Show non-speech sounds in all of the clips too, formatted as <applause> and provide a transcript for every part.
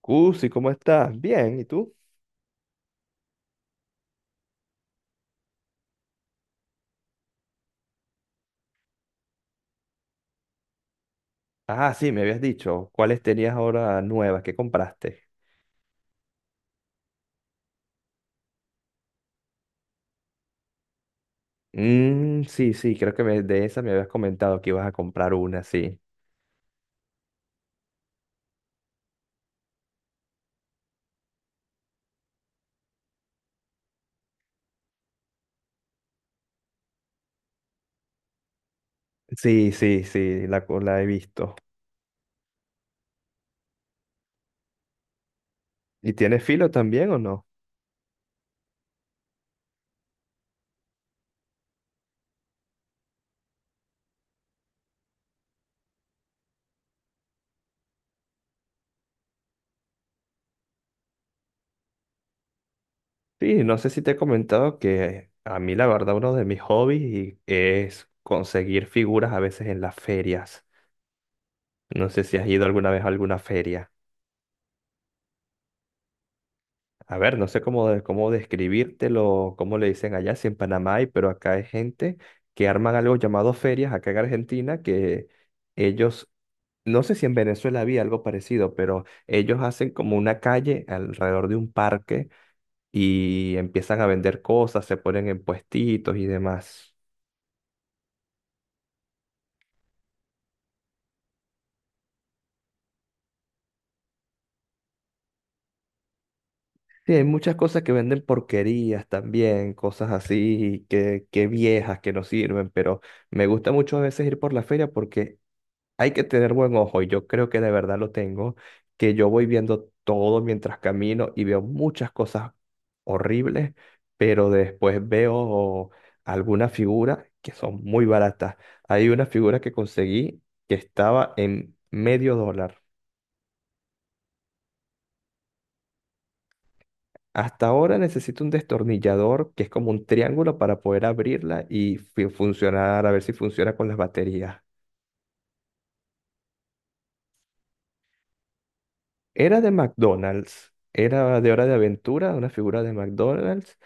Cusi, ¿cómo estás? Bien, ¿y tú? Ah, sí, me habías dicho. ¿Cuáles tenías ahora nuevas? ¿Qué compraste? Mm, sí, sí, creo que de esa me habías comentado que ibas a comprar una, sí. Sí, sí, sí, la he visto. ¿Y tienes filo también o no? Sí, no sé si te he comentado que a mí la verdad uno de mis hobbies es conseguir figuras a veces en las ferias. No sé si has ido alguna vez a alguna feria. A ver, no sé cómo, cómo describírtelo, cómo le dicen allá, si en Panamá hay, pero acá hay gente que arman algo llamado ferias, acá en Argentina, que ellos, no sé si en Venezuela había algo parecido, pero ellos hacen como una calle alrededor de un parque y empiezan a vender cosas, se ponen en puestitos y demás. Sí, hay muchas cosas que venden porquerías también, cosas así que viejas que no sirven, pero me gusta mucho a veces ir por la feria porque hay que tener buen ojo y yo creo que de verdad lo tengo, que yo voy viendo todo mientras camino y veo muchas cosas horribles, pero después veo algunas figuras que son muy baratas. Hay una figura que conseguí que estaba en medio dólar. Hasta ahora necesito un destornillador que es como un triángulo para poder abrirla y funcionar, a ver si funciona con las baterías. Era de McDonald's, era de Hora de Aventura, una figura de McDonald's.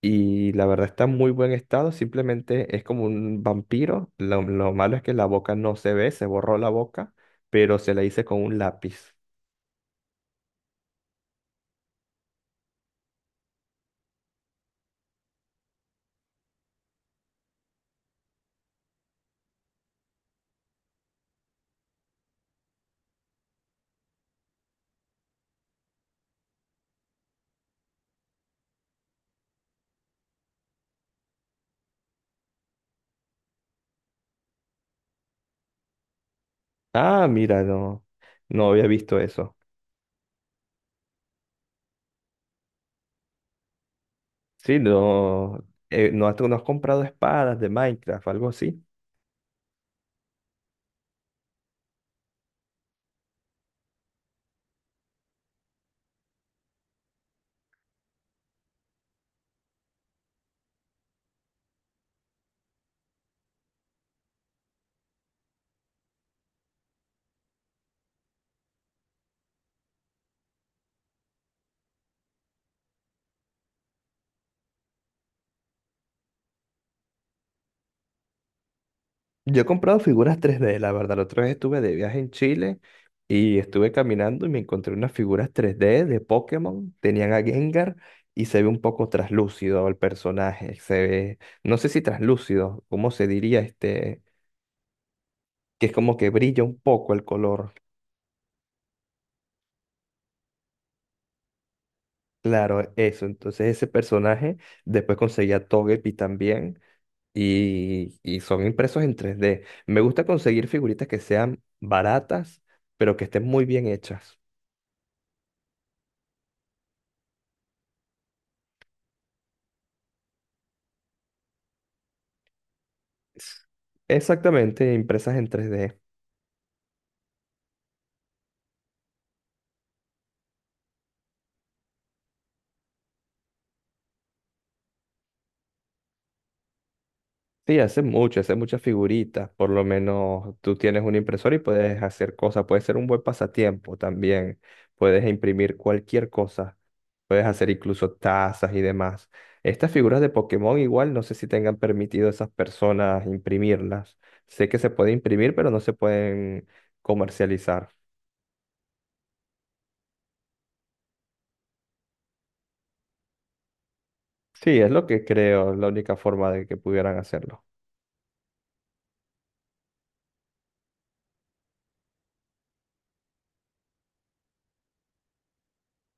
Y la verdad está en muy buen estado, simplemente es como un vampiro. Lo malo es que la boca no se ve, se borró la boca, pero se la hice con un lápiz. Ah, mira, no, no había visto eso. Sí, no, no, no has comprado espadas de Minecraft, algo así. Yo he comprado figuras 3D, la verdad. La otra vez estuve de viaje en Chile y estuve caminando y me encontré unas figuras 3D de Pokémon. Tenían a Gengar y se ve un poco traslúcido el personaje. Se ve, no sé si traslúcido, ¿cómo se diría este? Que es como que brilla un poco el color. Claro, eso. Entonces ese personaje, después conseguí a Togepi también y son impresos en 3D. Me gusta conseguir figuritas que sean baratas, pero que estén muy bien hechas. Exactamente, impresas en 3D. Sí, hace muchas figuritas. Por lo menos tú tienes un impresor y puedes hacer cosas. Puede ser un buen pasatiempo también. Puedes imprimir cualquier cosa. Puedes hacer incluso tazas y demás. Estas figuras de Pokémon igual no sé si tengan permitido a esas personas imprimirlas. Sé que se puede imprimir, pero no se pueden comercializar. Sí, es lo que creo, la única forma de que pudieran hacerlo.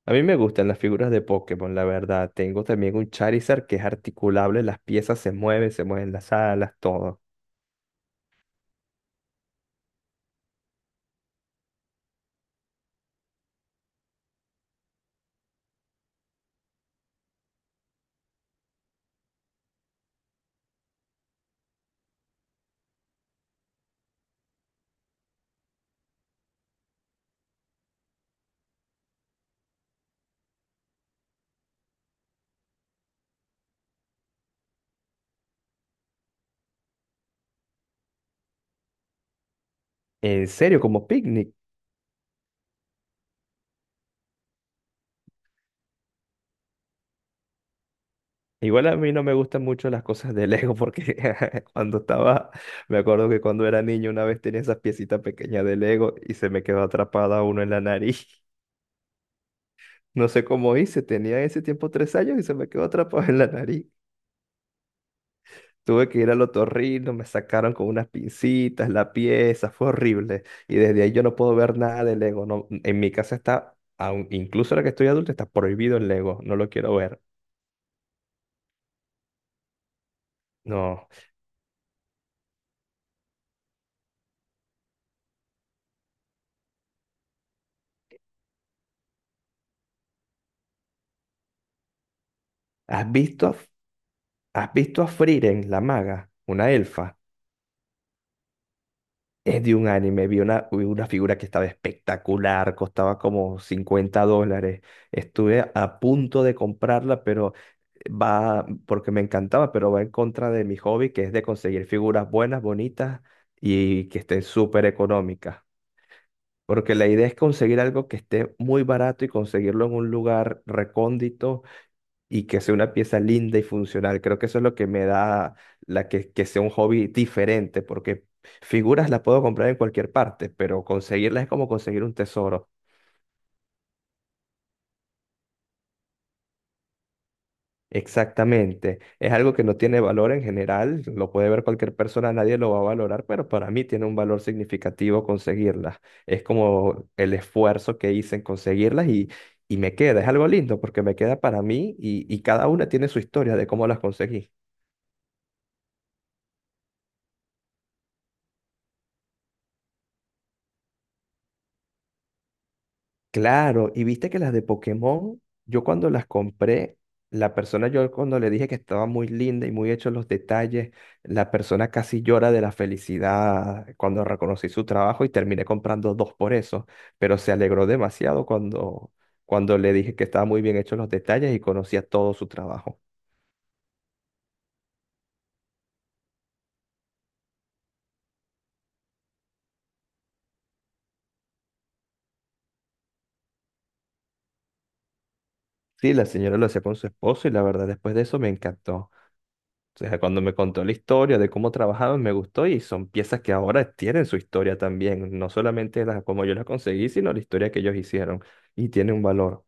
A mí me gustan las figuras de Pokémon, la verdad. Tengo también un Charizard que es articulable, las piezas se mueven las alas, todo. En serio, como picnic. Igual a mí no me gustan mucho las cosas de Lego porque <laughs> cuando estaba, me acuerdo que cuando era niño una vez tenía esas piecitas pequeñas de Lego y se me quedó atrapada uno en la nariz. <laughs> No sé cómo hice, tenía en ese tiempo 3 años y se me quedó atrapado en la nariz. Tuve que ir al otorrino, me sacaron con unas pincitas la pieza, fue horrible. Y desde ahí yo no puedo ver nada de Lego. No, en mi casa está, incluso ahora que estoy adulto, está prohibido el Lego. No lo quiero ver. No. ¿Has visto a, has visto a Frieren, la maga? Una elfa. Es de un anime. Vi una figura que estaba espectacular, costaba como 50 dólares. Estuve a punto de comprarla, pero va, porque me encantaba, pero va en contra de mi hobby, que es de conseguir figuras buenas, bonitas y que estén súper económicas. Porque la idea es conseguir algo que esté muy barato y conseguirlo en un lugar recóndito y que sea una pieza linda y funcional. Creo que eso es lo que me da la que sea un hobby diferente, porque figuras las puedo comprar en cualquier parte, pero conseguirlas es como conseguir un tesoro. Exactamente. Es algo que no tiene valor en general, lo puede ver cualquier persona, nadie lo va a valorar, pero para mí tiene un valor significativo conseguirlas. Es como el esfuerzo que hice en conseguirlas y me queda, es algo lindo porque me queda para mí y cada una tiene su historia de cómo las conseguí. Claro, y viste que las de Pokémon, yo cuando las compré, la persona, yo cuando le dije que estaba muy linda y muy hechos los detalles, la persona casi llora de la felicidad cuando reconocí su trabajo y terminé comprando dos por eso, pero se alegró demasiado cuando, le dije que estaba muy bien hechos los detalles y conocía todo su trabajo. Sí, la señora lo hacía con su esposo y la verdad después de eso me encantó. O sea, cuando me contó la historia de cómo trabajaban, me gustó y son piezas que ahora tienen su historia también, no solamente las como yo las conseguí, sino la historia que ellos hicieron y tiene un valor.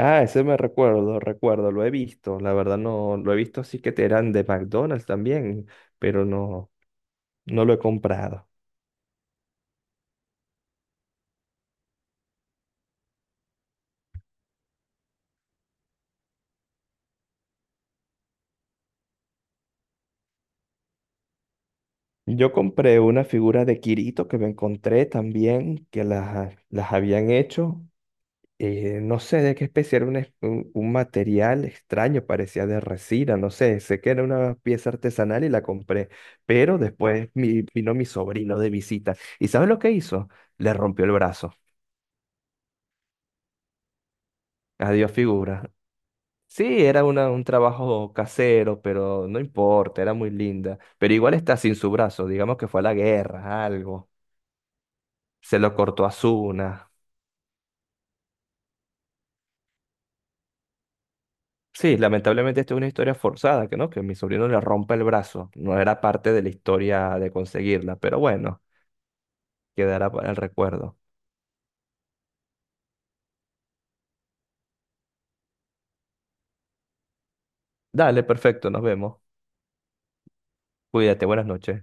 Ah, ese me recuerdo, lo he visto, la verdad no lo he visto así que te eran de McDonald's también, pero no lo he comprado. Yo compré una figura de Kirito que me encontré también que las habían hecho no sé de qué especie era un material extraño, parecía de resina, no sé, sé que era una pieza artesanal y la compré, pero después vino mi sobrino de visita y ¿sabes lo que hizo? Le rompió el brazo. Adiós figura. Sí, era una, un trabajo casero, pero no importa, era muy linda. Pero igual está sin su brazo, digamos que fue a la guerra, algo. Se lo cortó a Asuna. Sí, lamentablemente esto es una historia forzada, que no, que mi sobrino le rompa el brazo. No era parte de la historia de conseguirla, pero bueno, quedará para el recuerdo. Dale, perfecto, nos vemos. Cuídate, buenas noches.